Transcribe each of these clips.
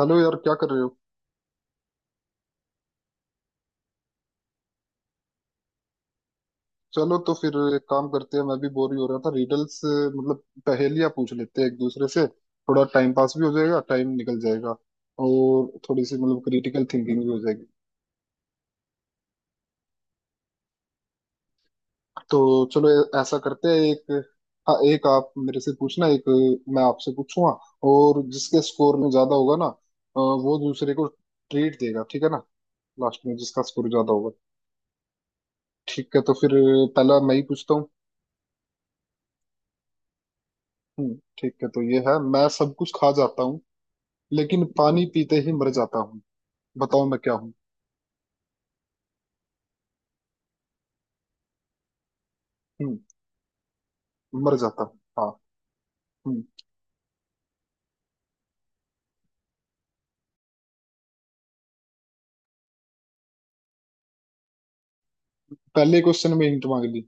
Hello यार, क्या कर रहे हो। चलो तो फिर एक काम करते हैं, मैं भी बोर ही हो रहा था। रिडल्स मतलब पहेलियां पूछ लेते हैं एक दूसरे से, थोड़ा टाइम पास भी हो जाएगा, टाइम निकल जाएगा। और थोड़ी सी मतलब क्रिटिकल थिंकिंग भी हो जाएगी। तो चलो ऐसा करते हैं एक। हाँ, एक आप मेरे से पूछना, एक मैं आपसे पूछूंगा। और जिसके स्कोर में ज्यादा होगा ना वो दूसरे को ट्रीट देगा, ठीक है ना। लास्ट में जिसका स्कोर ज्यादा होगा। ठीक है, तो फिर पहला मैं ही पूछता हूँ। ठीक है तो ये है। मैं सब कुछ खा जाता हूँ, लेकिन पानी पीते ही मर जाता हूँ, बताओ मैं क्या हूँ। हम्म। मर जाता हूँ, हाँ। हम्म। पहले क्वेश्चन में हिंट मांग ली।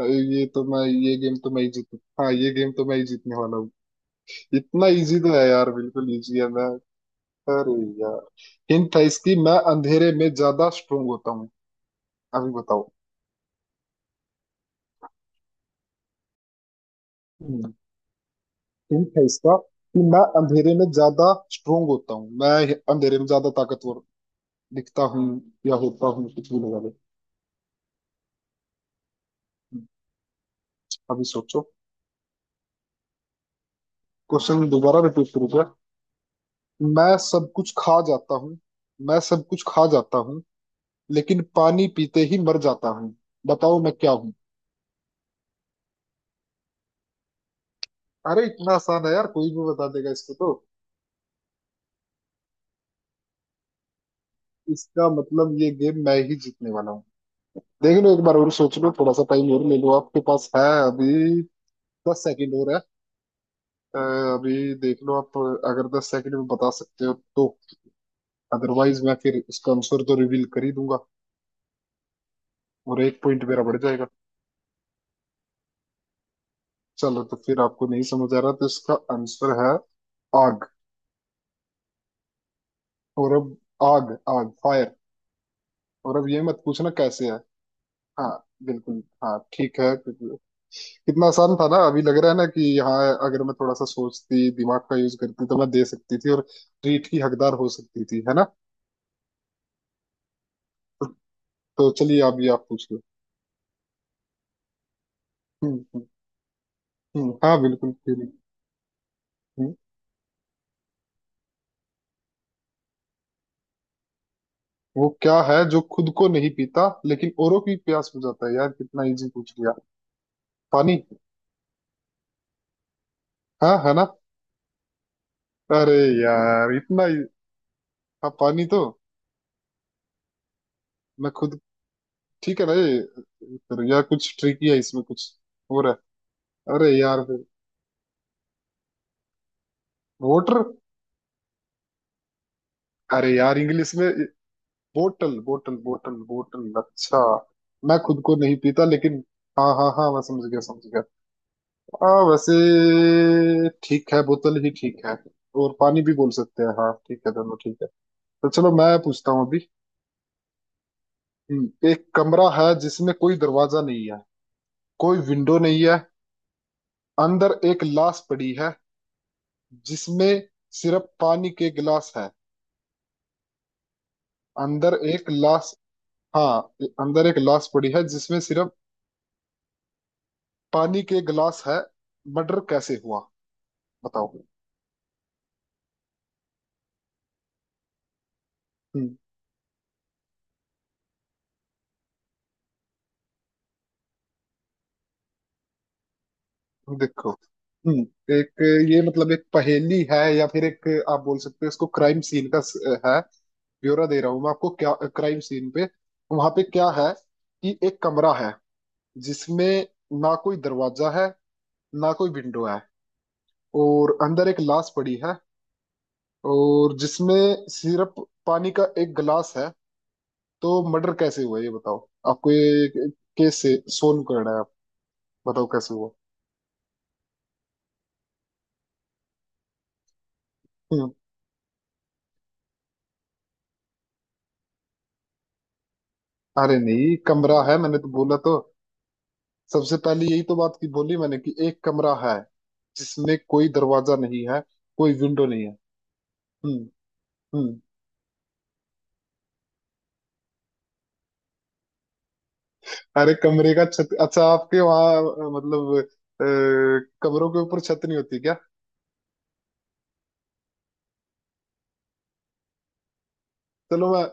ये तो मैं, ये गेम तो मैं ही जीतू। हाँ, ये गेम तो मैं ही जीतने वाला हूँ। इतना इजी तो है यार, बिल्कुल इजी है मैं। अरे यार, हिंट है इसकी, मैं अंधेरे में ज्यादा स्ट्रोंग होता हूँ। अभी बताओ। हिंट है इसका कि मैं अंधेरे में ज्यादा स्ट्रोंग होता हूँ, मैं अंधेरे में ज्यादा ताकतवर दिखता हूँ या होता हूँ, कुछ भी लगा लो। हम्म, अभी सोचो। क्वेश्चन दोबारा रिपीट करूंगा। मैं सब कुछ खा जाता हूँ, मैं सब कुछ खा जाता हूँ लेकिन पानी पीते ही मर जाता हूँ, बताओ मैं क्या हूँ। अरे, इतना आसान है यार, कोई भी बता देगा इसको तो। इसका मतलब ये गेम मैं ही जीतने वाला हूँ। देख लो एक बार और सोच लो, थोड़ा सा टाइम और ले लो, आपके पास है अभी, 10 सेकंड और है। अ, अभी देख लो आप, अगर 10 सेकंड में बता सकते हो तो। अदरवाइज मैं फिर इसका आंसर तो रिवील कर ही दूंगा, और एक पॉइंट मेरा बढ़ जाएगा। चलो तो फिर आपको नहीं समझ आ रहा तो इसका आंसर है आग। और अब आग, आग फायर, और अब ये मत पूछना कैसे है। हाँ, बिल्कुल, हाँ ठीक है बिल्कुल। कितना आसान था ना, अभी लग रहा है ना कि हाँ, अगर मैं थोड़ा सा सोचती, दिमाग का यूज करती, तो मैं दे सकती थी और ट्रीट की हकदार हो सकती थी, है ना। तो चलिए, आप भी आप पूछ लो। हम्म। हाँ बिल्कुल, क्यों नहीं। हम्म, वो क्या है जो खुद को नहीं पीता लेकिन औरों की प्यास बुझाता है, यार कितना इजी पूछ लिया। पानी। हाँ, है ना। अरे यार। हाँ, पानी तो मैं खुद ठीक है ना, ये फिर, या कुछ ट्रिकी है इसमें कुछ और है। अरे यार फिर, वोटर। अरे यार इंग्लिश में, बोटल बोटल बोटल बोटल, अच्छा। मैं खुद को नहीं पीता लेकिन, हाँ हाँ हाँ, मैं समझ गया समझ गया। हाँ वैसे ठीक है, बोतल ही ठीक है, और पानी भी बोल सकते हैं, हाँ ठीक है, दोनों ठीक है। तो चलो मैं पूछता हूँ अभी। एक कमरा है जिसमें कोई दरवाजा नहीं है, कोई विंडो नहीं है, अंदर एक लाश पड़ी है जिसमें सिर्फ पानी के गिलास है। अंदर एक लाश, हाँ, अंदर एक लाश पड़ी है जिसमें सिर्फ पानी के गिलास है। मर्डर कैसे हुआ, बताओ। हम्म। देखो। हम्म। एक, ये मतलब एक पहेली है या फिर एक आप बोल सकते हो इसको, क्राइम सीन का है, ब्यौरा दे रहा हूँ मैं आपको क्या क्राइम सीन पे, वहां पे क्या है, कि एक कमरा है जिसमें ना कोई दरवाजा है, ना कोई विंडो है, और अंदर एक लाश पड़ी है, और जिसमें सिर्फ पानी का एक गिलास है। तो मर्डर कैसे हुआ ये बताओ। आपको ये केस से सोल्व करना है, आप बताओ कैसे हुआ। हम्म, अरे नहीं, कमरा है मैंने तो बोला तो, सबसे पहले यही तो बात की, बोली मैंने कि एक कमरा है जिसमें कोई दरवाजा नहीं है, कोई विंडो नहीं है। हम्म हम्म। अरे कमरे का छत, अच्छा, आपके वहाँ मतलब कमरों के ऊपर छत नहीं होती क्या। चलो मैं,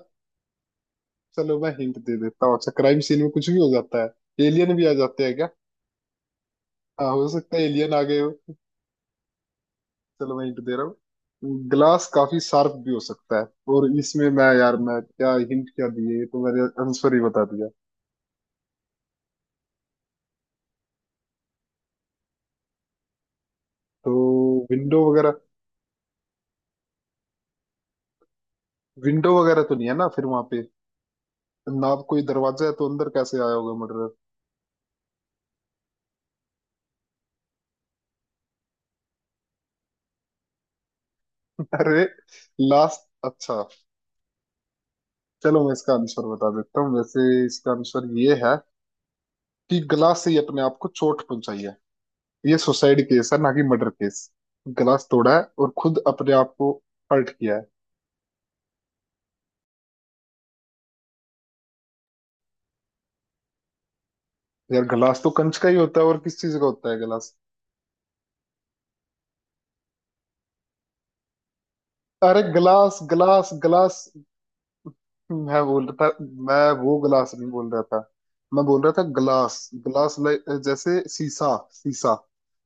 चलो मैं हिंट दे देता हूँ। अच्छा क्राइम सीन में कुछ भी हो जाता है, एलियन भी आ जाते हैं क्या। हाँ, हो सकता है एलियन आ गए। चलो मैं हिंट दे रहा हूँ, ग्लास काफी शार्प भी हो सकता है, और इसमें मैं, यार मैं क्या हिंट क्या दिए, ये तो मैंने आंसर ही बता दिया। तो विंडो वगैरह, विंडो वगैरह तो नहीं है ना फिर वहां पे, ना कोई दरवाजा है तो अंदर कैसे आया होगा मर्डर। अरे, लास्ट, अच्छा, चलो मैं इसका आंसर बता देता हूँ, वैसे इसका आंसर ये है कि ग्लास से ही अपने आप को चोट पहुंचाई है। ये सुसाइड केस है ना कि मर्डर केस। ग्लास तोड़ा है और खुद अपने आप को हर्ट किया है। यार गिलास तो कंच का ही होता है, और किस चीज का होता है गिलास। अरे गिलास गिलास गिलास, मैं बोल रहा था, मैं वो गिलास नहीं बोल रहा था, मैं बोल रहा था गिलास, गिलास लाइक जैसे शीशा, शीशा।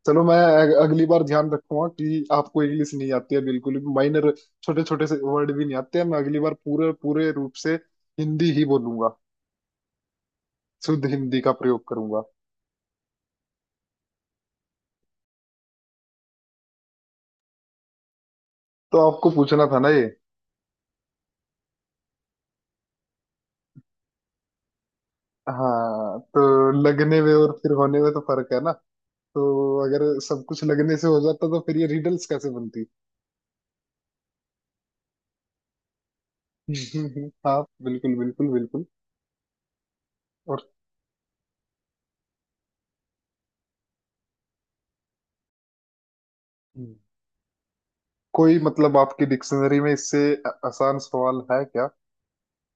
चलो मैं अगली बार ध्यान रखूंगा कि आपको इंग्लिश नहीं आती है बिल्कुल भी, माइनर छोटे छोटे से वर्ड भी नहीं आते हैं। मैं अगली बार पूरे पूरे रूप से हिंदी ही बोलूंगा, शुद्ध हिंदी का प्रयोग करूंगा। तो आपको पूछना था ना ये। हाँ, तो लगने में और फिर होने में तो फर्क है ना, तो अगर सब कुछ लगने से हो जाता तो फिर ये रिडल्स कैसे बनती। हाँ बिल्कुल बिल्कुल बिल्कुल। और हम्म। कोई मतलब आपकी डिक्शनरी में इससे आसान सवाल है क्या।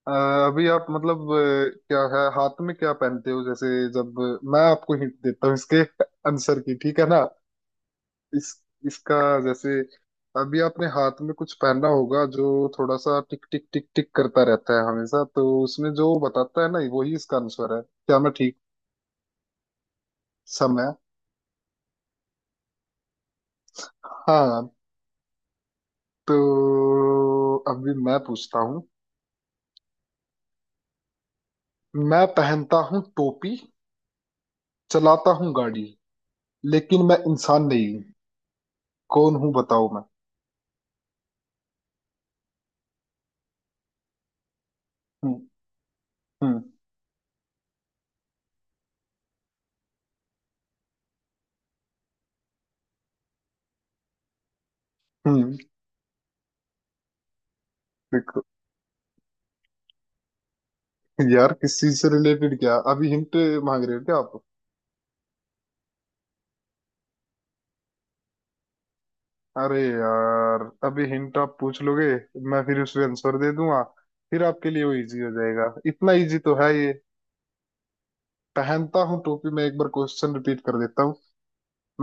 अ, अभी आप मतलब क्या है हाथ में क्या पहनते हो, जैसे, जब मैं आपको हिंट देता हूँ इसके आंसर की, ठीक है ना, इस, इसका, जैसे अभी आपने हाथ में कुछ पहना होगा जो थोड़ा सा टिक टिक टिक टिक करता रहता है हमेशा, तो उसमें जो बताता है ना वही इसका आंसर है। क्या मैं ठीक, समय। हाँ, तो अभी मैं पूछता हूँ। मैं पहनता हूँ टोपी, चलाता हूँ गाड़ी, लेकिन मैं इंसान नहीं हूँ, कौन हूँ बताओ मैं। हम्म हम्म। हम्म, देखो, यार किस चीज से रिलेटेड, क्या अभी हिंट मांग रहे हो क्या आप। अरे यार अभी हिंट आप पूछ लोगे, मैं फिर उसमें आंसर दे दूंगा, फिर आपके लिए वो इजी हो जाएगा, इतना इजी तो है ये। पहनता हूँ टोपी, मैं एक बार क्वेश्चन रिपीट कर देता हूँ।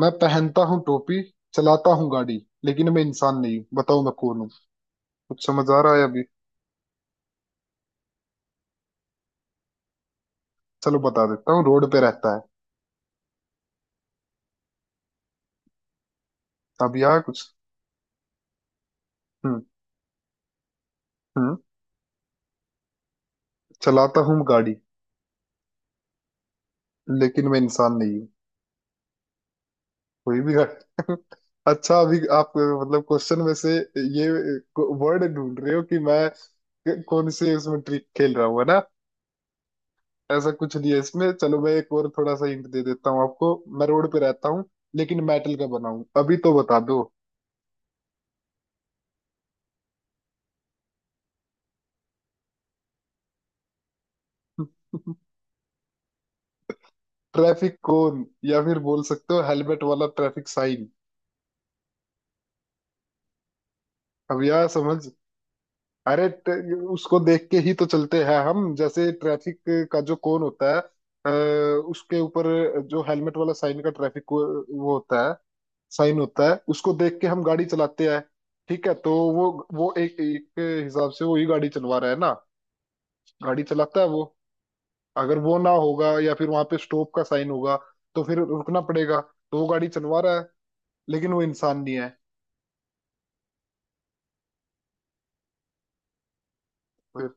मैं पहनता हूँ टोपी, चलाता हूँ गाड़ी, लेकिन मैं इंसान नहीं हूँ, बताओ मैं कौन हूँ। कुछ समझ आ रहा है अभी। चलो बता देता हूँ, रोड पे रहता है। अभी आ कुछ। हम्म हम्म। चलाता हूँ गाड़ी, लेकिन मैं इंसान नहीं हूँ। कोई भी गाड़ी अच्छा, अभी आप मतलब क्वेश्चन में से ये वर्ड ढूंढ रहे हो कि मैं कौन से उसमें ट्रिक खेल रहा हूँ, है ना। ऐसा कुछ नहीं है इसमें। चलो मैं एक और थोड़ा सा हिंट दे देता हूँ आपको, मैं रोड पे रहता हूँ लेकिन मेटल का बना हूँ, अभी तो बता दो। ट्रैफिक कोन, या फिर बोल सकते हो हेलमेट वाला ट्रैफिक साइन। अब यह समझ, अरे, उसको देख के ही तो चलते हैं हम, जैसे ट्रैफिक का जो कोन होता है, अ, उसके ऊपर जो हेलमेट वाला साइन का वो होता है, साइन होता है, उसको देख के हम गाड़ी चलाते हैं। ठीक है, तो वो एक एक हिसाब से वो ही गाड़ी चलवा रहा है ना, गाड़ी चलाता है वो। अगर वो ना होगा या फिर वहां पे स्टॉप का साइन होगा, तो फिर रुकना पड़ेगा, तो वो गाड़ी चलवा रहा है, लेकिन वो इंसान नहीं है।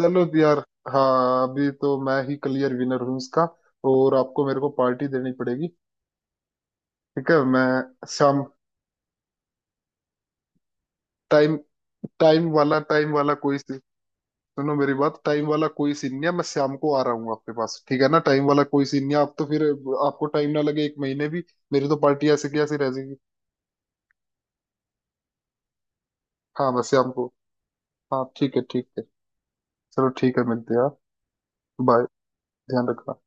चलो भी यार, हाँ अभी तो मैं ही क्लियर विनर हूँ इसका, और आपको मेरे को पार्टी देनी पड़ेगी। ठीक है, मैं शाम, टाइम, टाइम वाला सुनो मेरी बात, टाइम वाला कोई सीन नहीं है, मैं शाम को आ रहा हूँ आपके पास। ठीक है ना, टाइम वाला कोई सीन नहीं है, आप तो फिर, आपको टाइम ना लगे एक महीने भी, मेरी तो पार्टी ऐसे की ऐसी रह जाएगी। हाँ, मैं शाम को, हाँ ठीक है ठीक है, चलो ठीक है मिलते हैं। बाय, ध्यान रखना।